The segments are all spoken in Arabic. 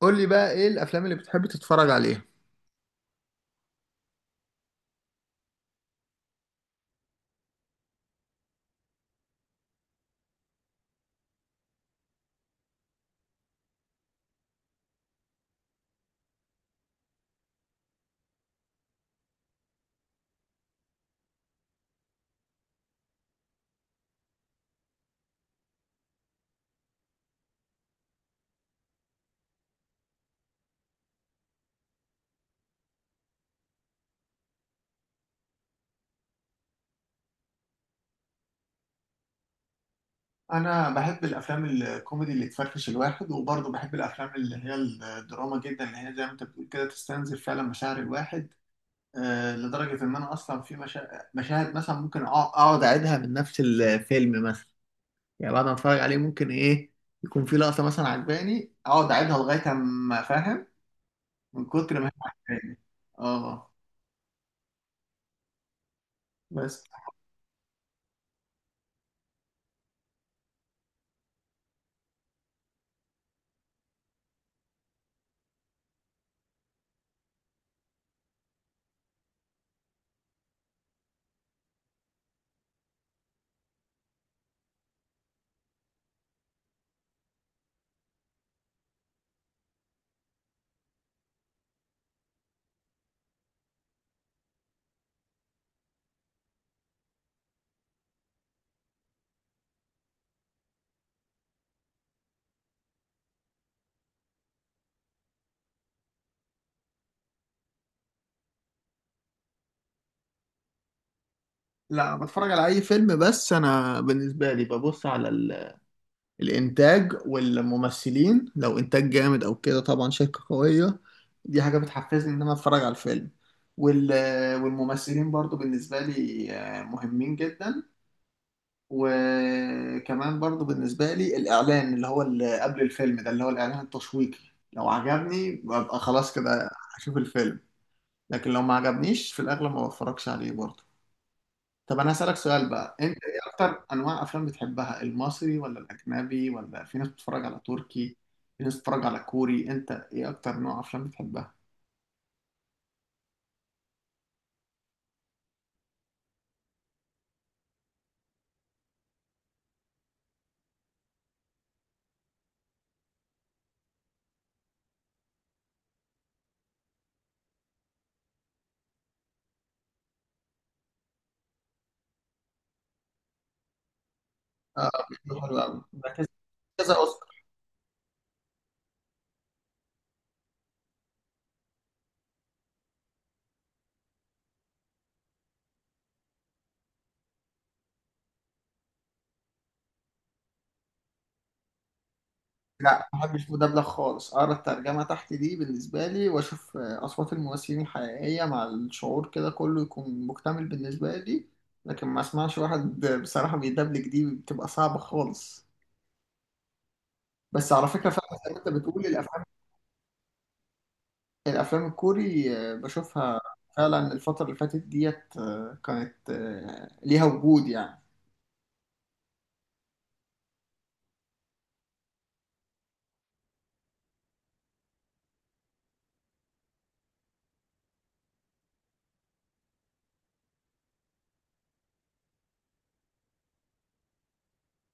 قول لي بقى ايه الافلام اللي بتحب تتفرج عليها؟ انا بحب الافلام الكوميدي اللي تفرفش الواحد، وبرضه بحب الافلام اللي هي الدراما جدا، اللي هي زي ما انت بتقول كده تستنزف فعلا مشاعر الواحد. لدرجه ان انا اصلا في مشاهد مثلا ممكن اقعد اعيدها من نفس الفيلم. مثلا يعني بعد ما اتفرج عليه ممكن ايه يكون في لقطه مثلا عجباني، اقعد اعيدها لغايه ما، فاهم، من كتر ما هي عجباني. اه، بس. لا، بتفرج على اي فيلم، بس انا بالنسبه لي ببص على الانتاج والممثلين. لو انتاج جامد او كده، طبعا شركة قوية دي حاجة بتحفزني ان انا اتفرج على الفيلم. وال... والممثلين برضو بالنسبة لي مهمين جدا. وكمان برضو بالنسبة لي الإعلان، اللي هو اللي قبل الفيلم ده، اللي هو الإعلان التشويقي، لو عجبني ببقى خلاص كده هشوف الفيلم. لكن لو ما عجبنيش في الأغلب ما بتفرجش عليه برضو. طب انا هسألك سؤال بقى، انت ايه اكتر انواع افلام بتحبها؟ المصري ولا الاجنبي؟ ولا في ناس بتتفرج على تركي، في ناس بتتفرج على كوري، انت ايه اكتر نوع افلام بتحبها؟ اه، بيبقى حلو قوي، بحس كذا اوسكار. لا، ما بحبش مدبلج خالص. اقرا الترجمه تحت دي بالنسبه لي، واشوف اصوات الممثلين الحقيقيه، مع الشعور كده كله يكون مكتمل بالنسبه لي. لكن ما اسمعش واحد بصراحه بيدبلج، دي بتبقى صعبه خالص. بس على فكره فعلا زي ما انت بتقول، الافلام الافلام الكوري بشوفها فعلا الفتره اللي فاتت ديت، كانت ليها وجود يعني.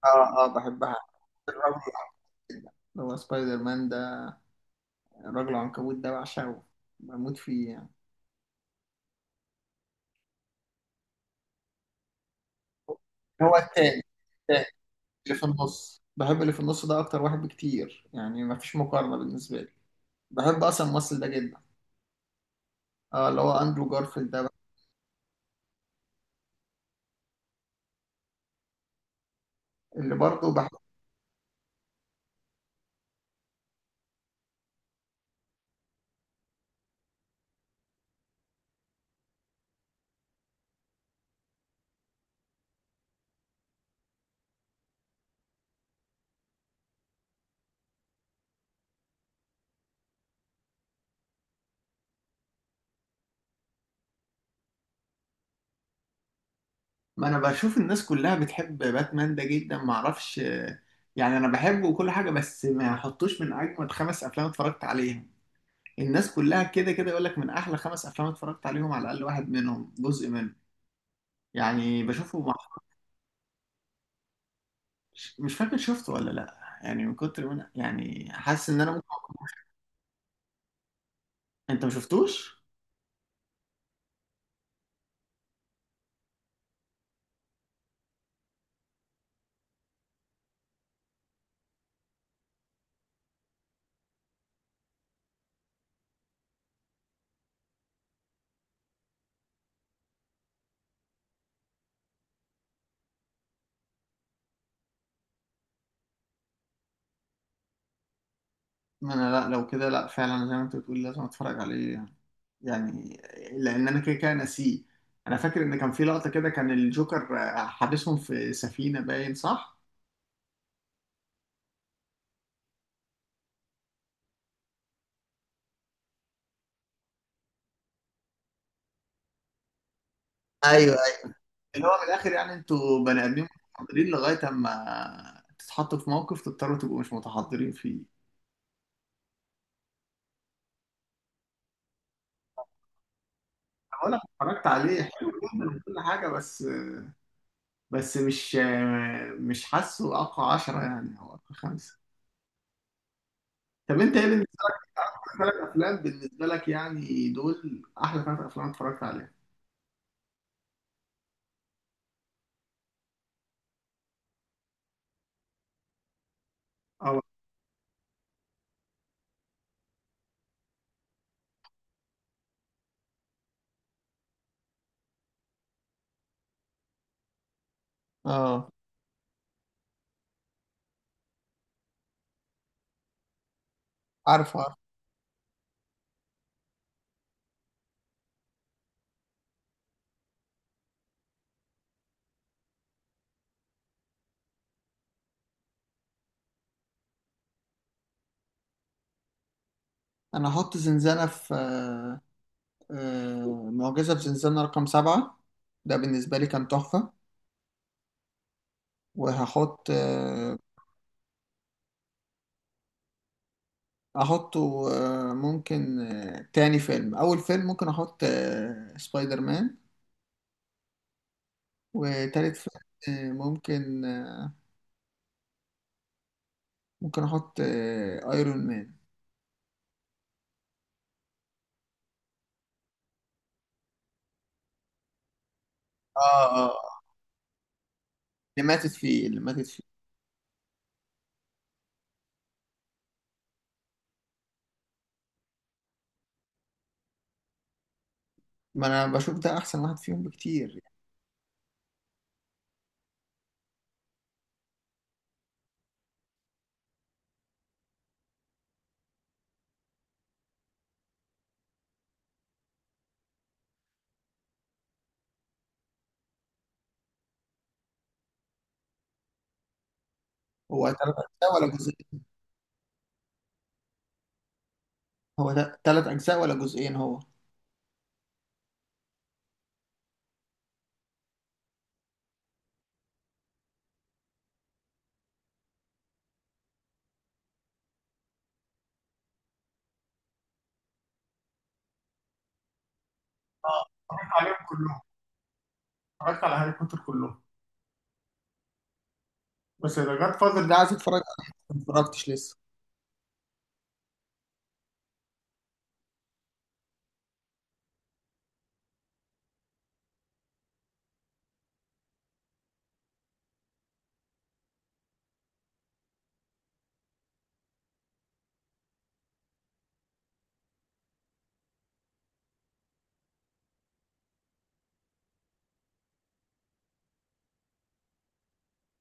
اه، اه، بحبها. الرجل اللي هو سبايدر مان ده، الرجل العنكبوت ده، بعشقه، بموت فيه يعني. هو التاني، التاني اللي في النص، بحب اللي في النص ده اكتر واحد بكتير، يعني مفيش مقارنه بالنسبه لي. بحب اصلا الممثل ده جدا. اه، اللي هو اندرو جارفيلد ده، اللي برضه بحب. ما انا بشوف الناس كلها بتحب باتمان ده جدا، ما اعرفش يعني. انا بحبه وكل حاجه، بس ما احطوش من اجمد خمس افلام اتفرجت عليهم. الناس كلها كده كده يقول لك من احلى خمس افلام اتفرجت عليهم على الاقل واحد منهم جزء منه، يعني بشوفه مش فاكر شفته ولا لا، يعني من كتر من، يعني حاسس ان انا ممكن انت ما شفتوش. ما انا، لا لو كده لا، فعلا زي ما انت بتقول لازم اتفرج عليه يعني، يعني لان انا كده كده ناسيه. انا فاكر ان كان في لقطه كده، كان الجوكر حابسهم في سفينه، باين صح. ايوه، ايوه، اللي هو من الاخر يعني انتوا بني ادمين متحضرين لغايه اما تتحطوا في موقف تضطروا تبقوا مش متحضرين فيه. أنا بقول لك اتفرجت عليه، حلو جدا كل حاجه، بس مش حاسه اقوى 10 يعني، او اقوى خمسه. طب انت ايه بالنسبه؟ ثلاث افلام بالنسبه لك يعني دول احلى ثلاث افلام اتفرجت عليها. اه، اه، عارفه عارفه. انا هحط زنزانة في معجزة في زنزانة رقم سبعة، ده بالنسبة لي كان تحفة. وهحط آه، احطه آه، ممكن آه، تاني فيلم، اول فيلم ممكن احط سبايدر مان. وتالت فيلم ممكن احط ايرون مان. اه، اه، آه. اللي ماتت فيه، اللي ماتت فيه. ما انا بشوف ده احسن واحد فيهم بكتير. هو ثلاث أجزاء ولا جزئين؟ هو ثلاث أجزاء ولا جزئين؟ هو. اه، اتفرجت عليهم كلهم، اتفرجت على هاري بوتر كلهم. بس ذا جاد فاذر ده عايز اتفرج عليه ما اتفرجتش لسه.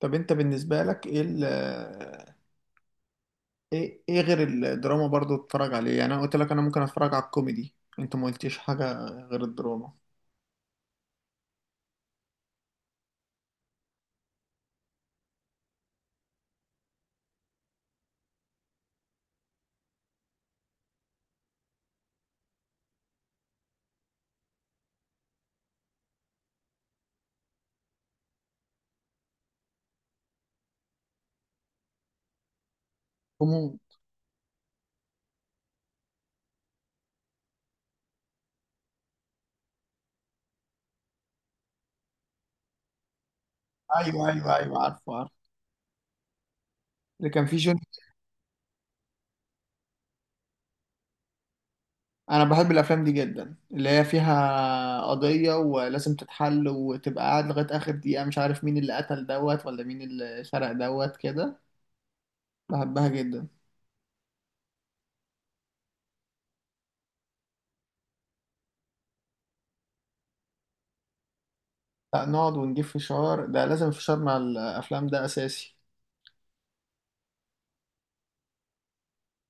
طب انت بالنسبة لك ايه ال ايه ايه غير الدراما برضو تتفرج عليه؟ يعني انا قلت لك انا ممكن اتفرج على الكوميدي، انت ما قلتيش حاجة غير الدراما. كومو. ايوه، ايوه، ايوه، عارفه عارفه. اللي كان فيه جون. انا بحب الافلام دي جدا، اللي هي فيها قضية ولازم تتحل، وتبقى قاعد لغاية اخر دقيقة مش عارف مين اللي قتل دوت، ولا مين اللي سرق دوت كده. بحبها جدا. لا، نقعد ونجيب فشار، ده لازم، فشار مع الافلام ده اساسي.